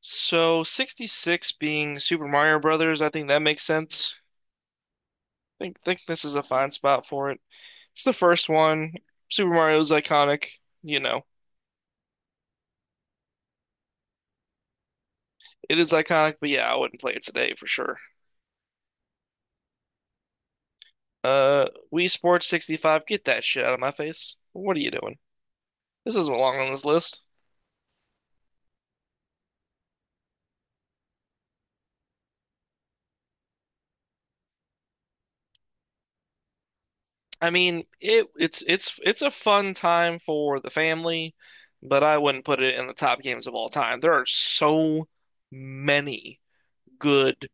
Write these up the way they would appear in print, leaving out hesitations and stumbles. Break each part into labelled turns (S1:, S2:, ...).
S1: So 66 being Super Mario Brothers, I think that makes sense. I think this is a fine spot for it. It's the first one. Super Mario is iconic, you know. It is iconic, but yeah, I wouldn't play it today for sure. Uh, Wii Sports 65, get that shit out of my face. What are you doing? This doesn't belong on this list. I mean, it it's a fun time for the family, but I wouldn't put it in the top games of all time. There are so many good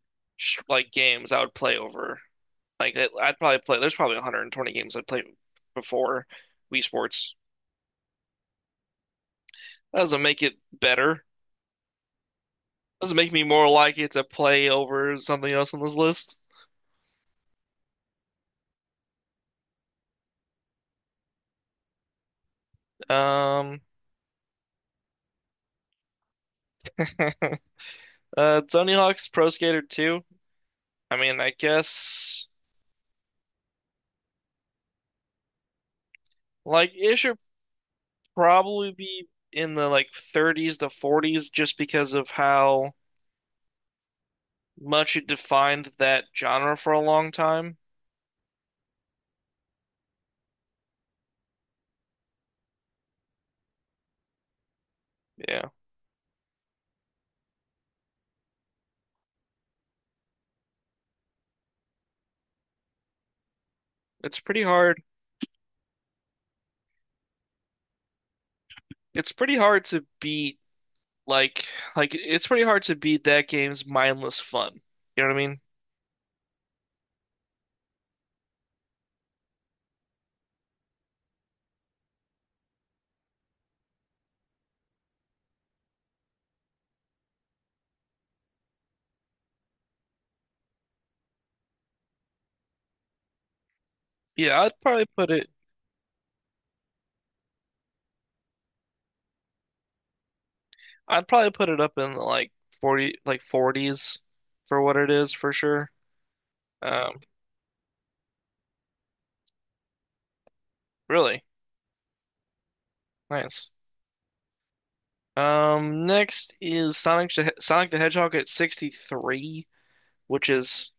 S1: like games I would play over. I'd probably play. There's probably 120 games I'd play before Wii Sports. That doesn't make it better. Doesn't make me more likely to play over something else on this list. Um, Tony Hawk's Pro Skater 2. I mean, I guess like it should probably be in the like 30s to 40s just because of how much it defined that genre for a long time. Yeah, it's pretty hard. It's pretty hard to beat like like it's pretty hard to beat that game's mindless fun. You know what I mean? Yeah, I'd probably put it up in the like 40 like 40s for what it is for sure. Um Really nice. Next is Sonic the Hedgehog at 63, which is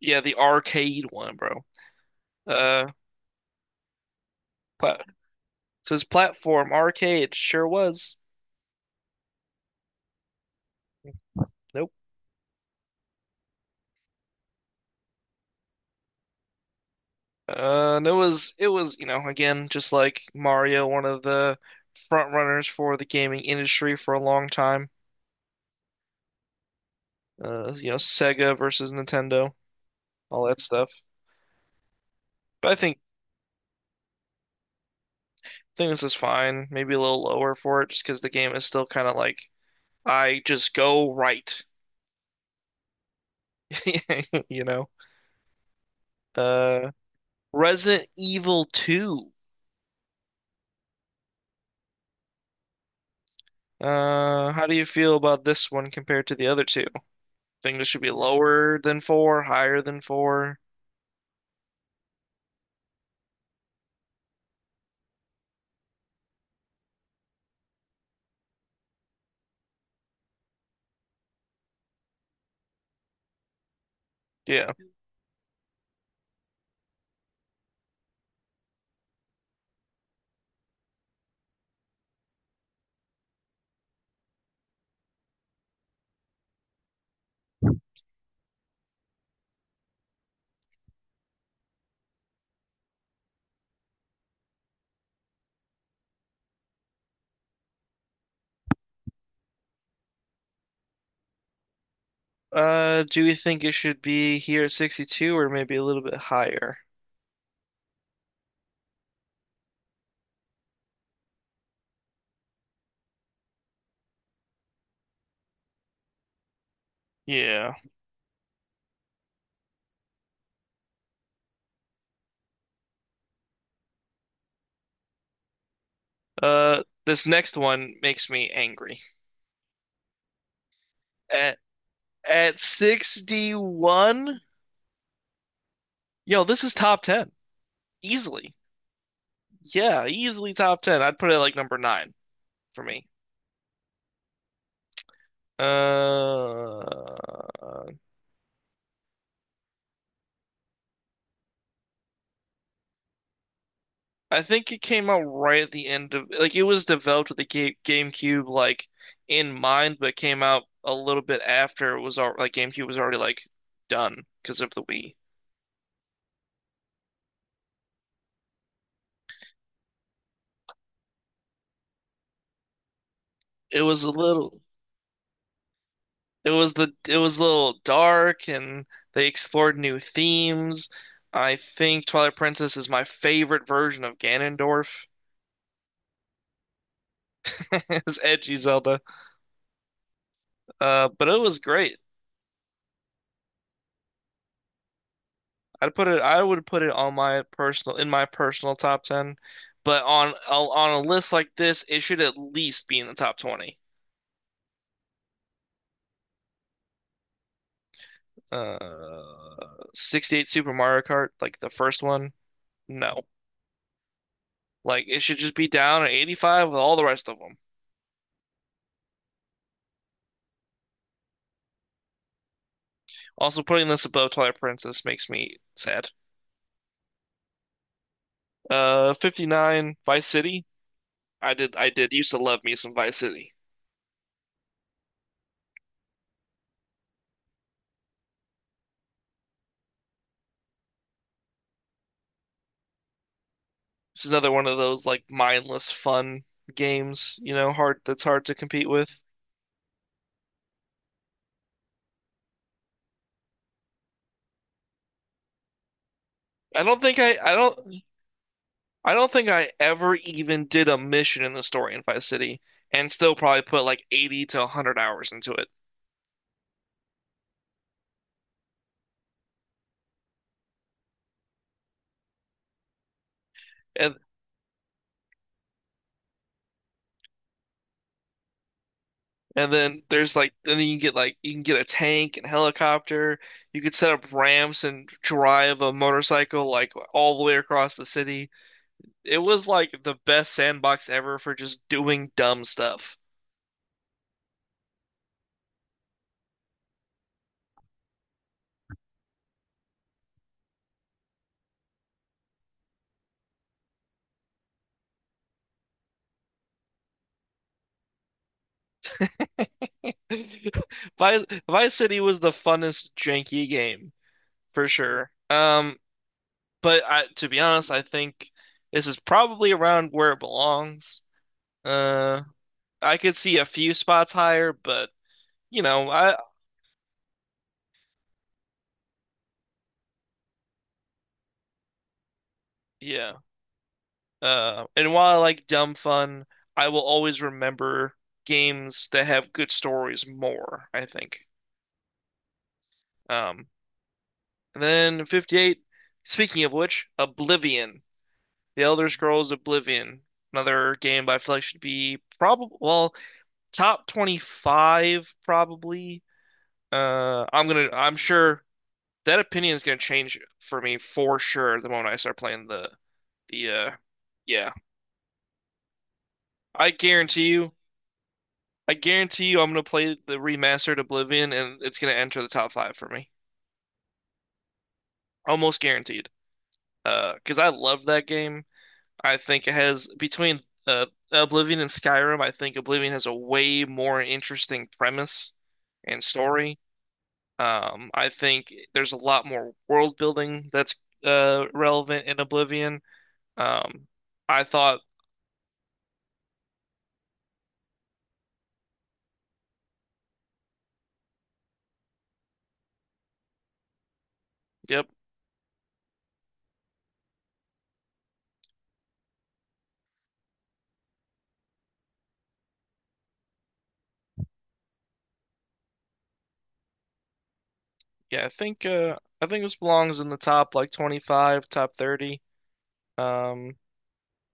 S1: yeah, the arcade one, bro. Uh pla Says platform arcade, sure was. Nope. And it was again just like Mario, one of the front runners for the gaming industry for a long time. You know Sega versus Nintendo, all that stuff. But I think this is fine. Maybe a little lower for it, just because the game is still kind of like I just go right. you know. Uh, Resident Evil 2. How do you feel about this one compared to the other two? Think this should be lower than four, higher than four? Yeah. Do we think it should be here at 62 or maybe a little bit higher? Yeah. This next one makes me angry. At at 61? Yo, this is top 10. Easily. Yeah, easily top 10. I'd put it like number 9 for me. Uh, I think it came out right at the end of like it was developed with the GameCube like in mind, but came out a little bit after it was al like GameCube was already like done because of the Wii. It was a little it was the it was a little dark and they explored new themes. I think Twilight Princess is my favorite version of Ganondorf. It's edgy Zelda. But it was great. I would put it on my personal in my personal top 10, but on a list like this, it should at least be in the top 20. Uh, 68 Super Mario Kart, like the first one, no. Like it should just be down at 85 with all the rest of them. Also, putting this above Twilight Princess makes me sad. 59 Vice City. I did used to love me some Vice City. This is another one of those like mindless fun games, you know, hard that's hard to compete with. I don't think I don't think I ever even did a mission in the story in Vice City and still probably put like 80 to 100 hours into it. And and then you get like you can get a tank and helicopter. You could set up ramps and drive a motorcycle like all the way across the city. It was like the best sandbox ever for just doing dumb stuff. Vice City was the funnest janky game for sure. But I, to be honest, I think this is probably around where it belongs. Uh, I could see a few spots higher, but you know, I yeah. And while I like dumb fun, I will always remember games that have good stories more, I think. Um, and then 58, speaking of which, Oblivion. The Elder Scrolls Oblivion. Another game I feel like should be probably, well, top 25 probably. I'm gonna. I'm sure that opinion is gonna change for me for sure the moment I start playing the. Yeah, I guarantee you. I guarantee you, I'm gonna play the remastered Oblivion, and it's gonna enter the top five for me. Almost guaranteed. Because I love that game. I think it has between uh Oblivion and Skyrim. I think Oblivion has a way more interesting premise and story. I think there's a lot more world building that's relevant in Oblivion. Um, I thought, yep, yeah, I think this belongs in the top like 25, top 30. Um,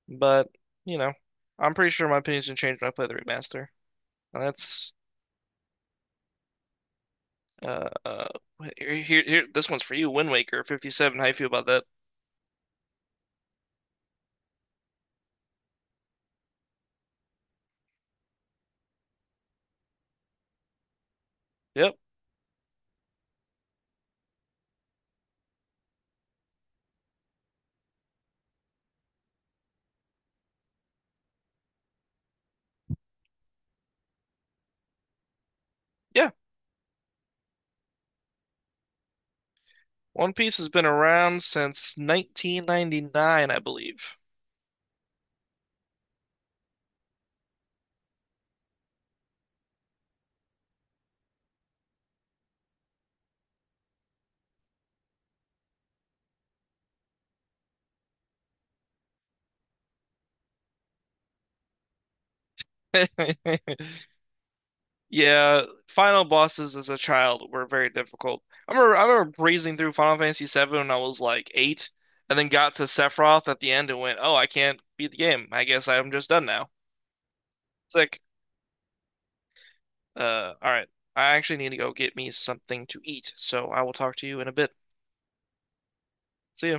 S1: but you know, I'm pretty sure my opinion's gonna change when I play the remaster. And that's uh, uh here, here here this one's for you, Wind Waker 57. How you feel about that? Yep. Yeah. One Piece has been around since 1999, I believe. Yeah, final bosses as a child were very difficult. I remember breezing through Final Fantasy VII when I was like eight, and then got to Sephiroth at the end and went, "Oh, I can't beat the game. I guess I'm just done now." It's like, all right, I actually need to go get me something to eat, so I will talk to you in a bit. See ya.